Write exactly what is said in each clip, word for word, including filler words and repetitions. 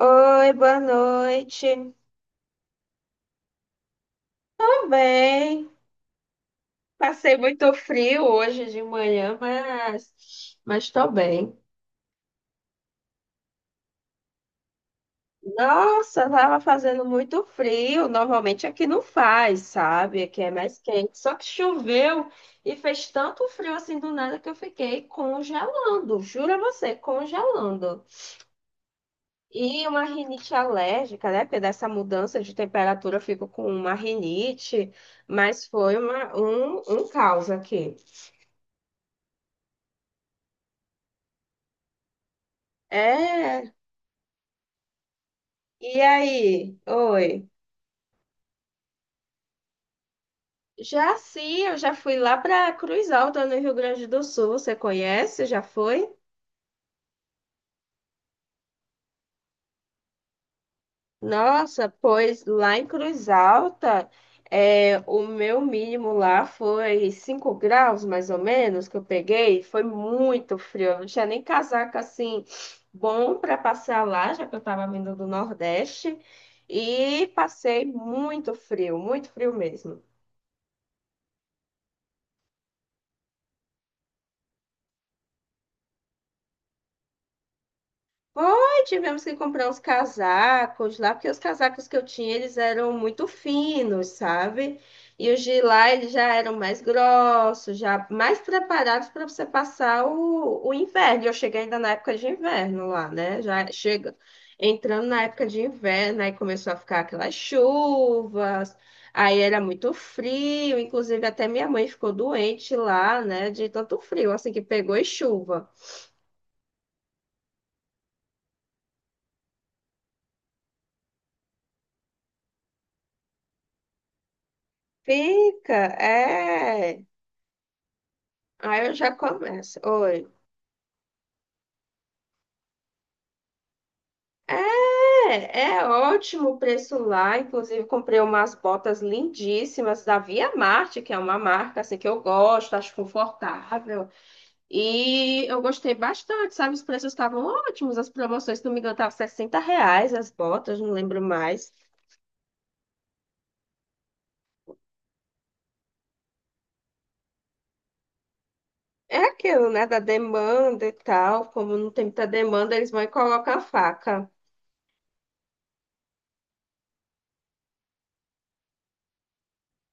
Oi, boa noite. Tudo bem? Passei muito frio hoje de manhã, mas mas tô bem. Nossa, tava fazendo muito frio. Normalmente aqui não faz, sabe? Aqui é mais quente. Só que choveu e fez tanto frio assim do nada que eu fiquei congelando. Jura você, congelando. E uma rinite alérgica, né? Porque dessa mudança de temperatura eu fico com uma rinite, mas foi uma, um, um caos aqui. É, e aí? Oi. Já sim, eu já fui lá para Cruz Alta, no Rio Grande do Sul. Você conhece? Já foi? Nossa, pois lá em Cruz Alta, é, o meu mínimo lá foi cinco graus, mais ou menos, que eu peguei. Foi muito frio. Eu não tinha nem casaco assim bom para passear lá, já que eu estava vindo do Nordeste. E passei muito frio, muito frio mesmo. Foi, tivemos que comprar uns casacos lá, porque os casacos que eu tinha, eles eram muito finos, sabe? E os de lá, eles já eram mais grossos, já mais preparados para você passar o, o inverno. E Eu cheguei ainda na época de inverno lá, né? Já chega entrando na época de inverno, aí começou a ficar aquelas chuvas, aí era muito frio, inclusive até minha mãe ficou doente lá, né? De tanto frio, assim que pegou e chuva. Fica, é. Aí eu já começo. Oi. É, é ótimo o preço lá. Inclusive, comprei umas botas lindíssimas da Via Marte, que é uma marca assim que eu gosto, acho confortável. E eu gostei bastante, sabe? Os preços estavam ótimos, as promoções, se não me engano, estavam R$ reais as botas, não lembro mais. É aquilo, né? Da demanda e tal. Como não tem muita demanda, eles vão e colocam a faca.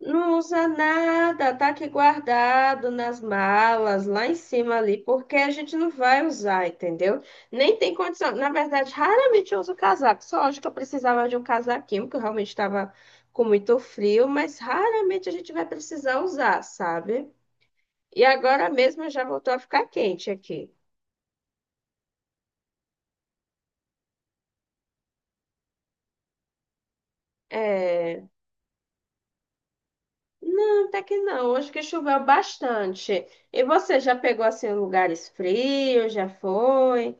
Não usa nada, tá aqui guardado nas malas, lá em cima ali, porque a gente não vai usar, entendeu? Nem tem condição. Na verdade, raramente eu uso casaco. Só hoje que eu precisava de um casaquinho, porque eu realmente estava com muito frio, mas raramente a gente vai precisar usar, sabe? E agora mesmo já voltou a ficar quente aqui. É... Não, até que não. Hoje que choveu bastante. E você já pegou assim lugares frios? Já foi?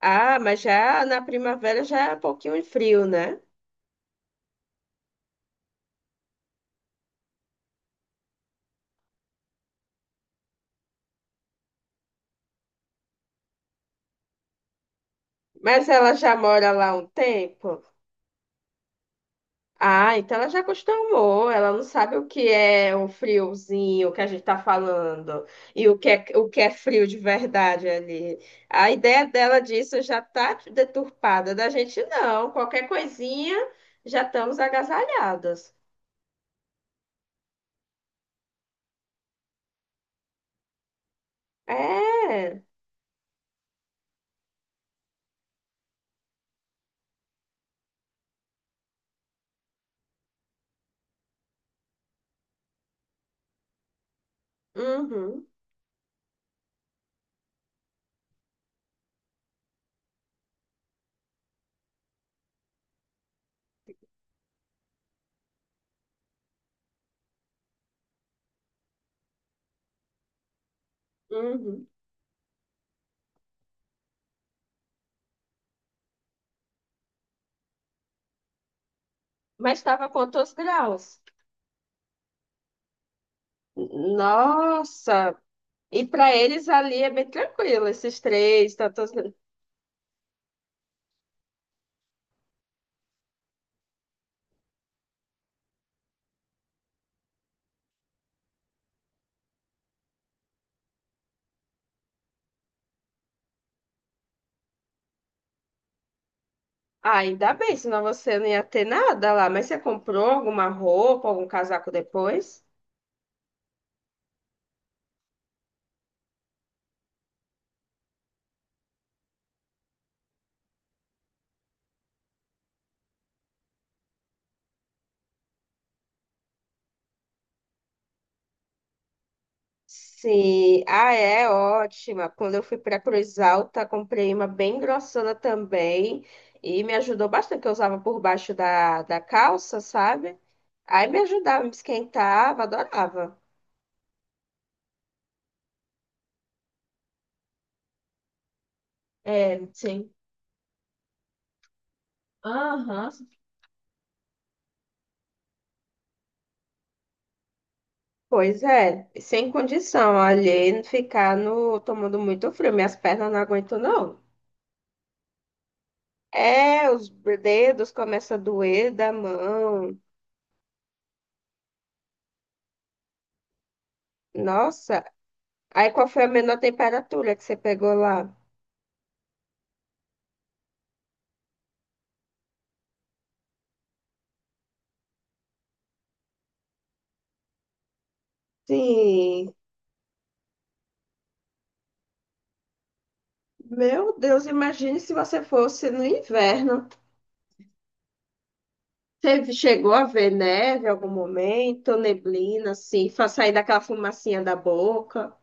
Ah, mas já na primavera já é um pouquinho frio, né? Mas ela já mora lá há um tempo? Ah, então ela já acostumou. Ela não sabe o que é o friozinho que a gente tá falando e o que é, o que é frio de verdade ali. A ideia dela disso já tá deturpada. Da gente não. Qualquer coisinha já estamos agasalhados. É. Uhum, uhum. Mas estava quantos graus? Nossa. E para eles ali é bem tranquilo, esses três, tantos. Ah, ainda bem, senão você não ia ter nada lá. Mas você comprou alguma roupa, algum casaco depois? Sim, ah, é ótima. Quando eu fui para Cruz Alta, comprei uma bem grossona também. E me ajudou bastante, que eu usava por baixo da, da calça, sabe? Aí me ajudava, me esquentava, adorava. É, sim. Aham. Pois é, sem condição, olhei ficar no, tomando muito frio, minhas pernas não aguentam não. É, os dedos começam a doer da mão. Nossa, aí qual foi a menor temperatura que você pegou lá? Sim, meu Deus, imagine se você fosse no inverno. Você chegou a ver neve em algum momento, neblina, assim, fa- sair daquela fumacinha da boca?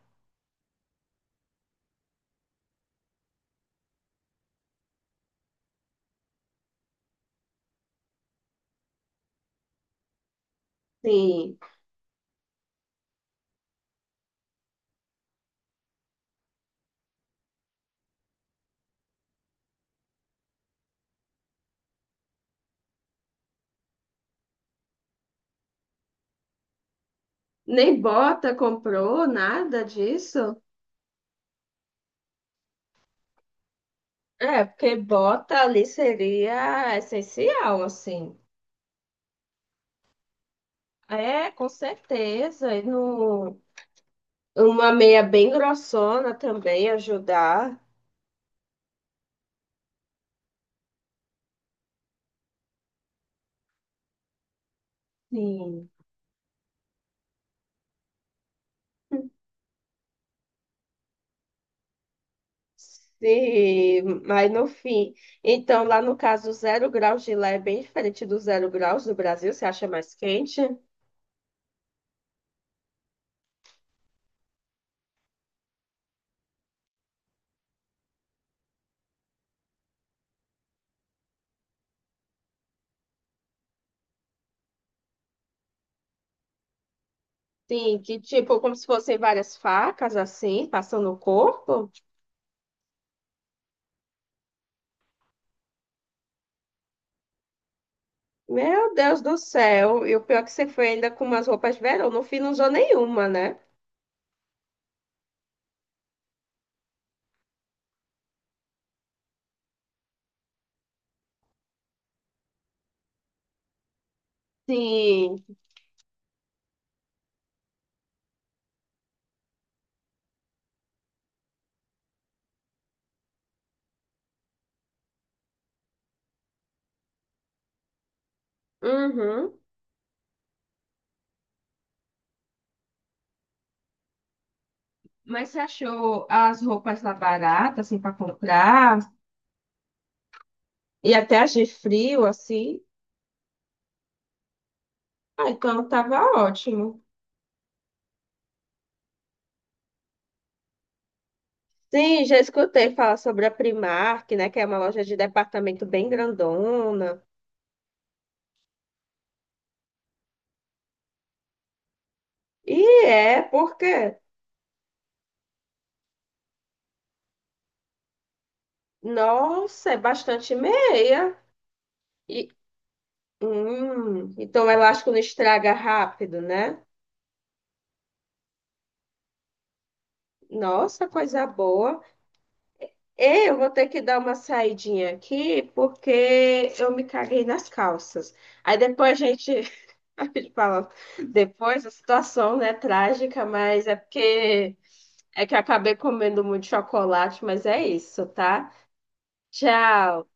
Sim, nem bota comprou, nada disso? É, porque bota ali seria essencial, assim. É, com certeza. E no, uma meia bem grossona também ajudar. Sim. Sim, mas no fim. Então, lá no caso, zero graus de lá é bem diferente do zero graus do Brasil, você acha mais quente? Sim, que tipo, como se fossem várias facas assim, passando no corpo. Meu Deus do céu, e o pior é que você foi ainda com umas roupas de verão, no fim não usou nenhuma, né? Sim. Uhum. Mas você achou as roupas lá baratas, assim, para comprar? E até as de frio, assim. Ah, então tava ótimo. Sim, já escutei falar sobre a Primark, né? Que é uma loja de departamento bem grandona. E é porque, nossa, é bastante meia. E, hum, então o elástico não estraga rápido, né? Nossa, coisa boa. Eu vou ter que dar uma saidinha aqui porque eu me caguei nas calças. Aí depois a gente, a gente fala, depois a situação, né, trágica, mas é porque é que eu acabei comendo muito chocolate, mas é isso, tá? Tchau.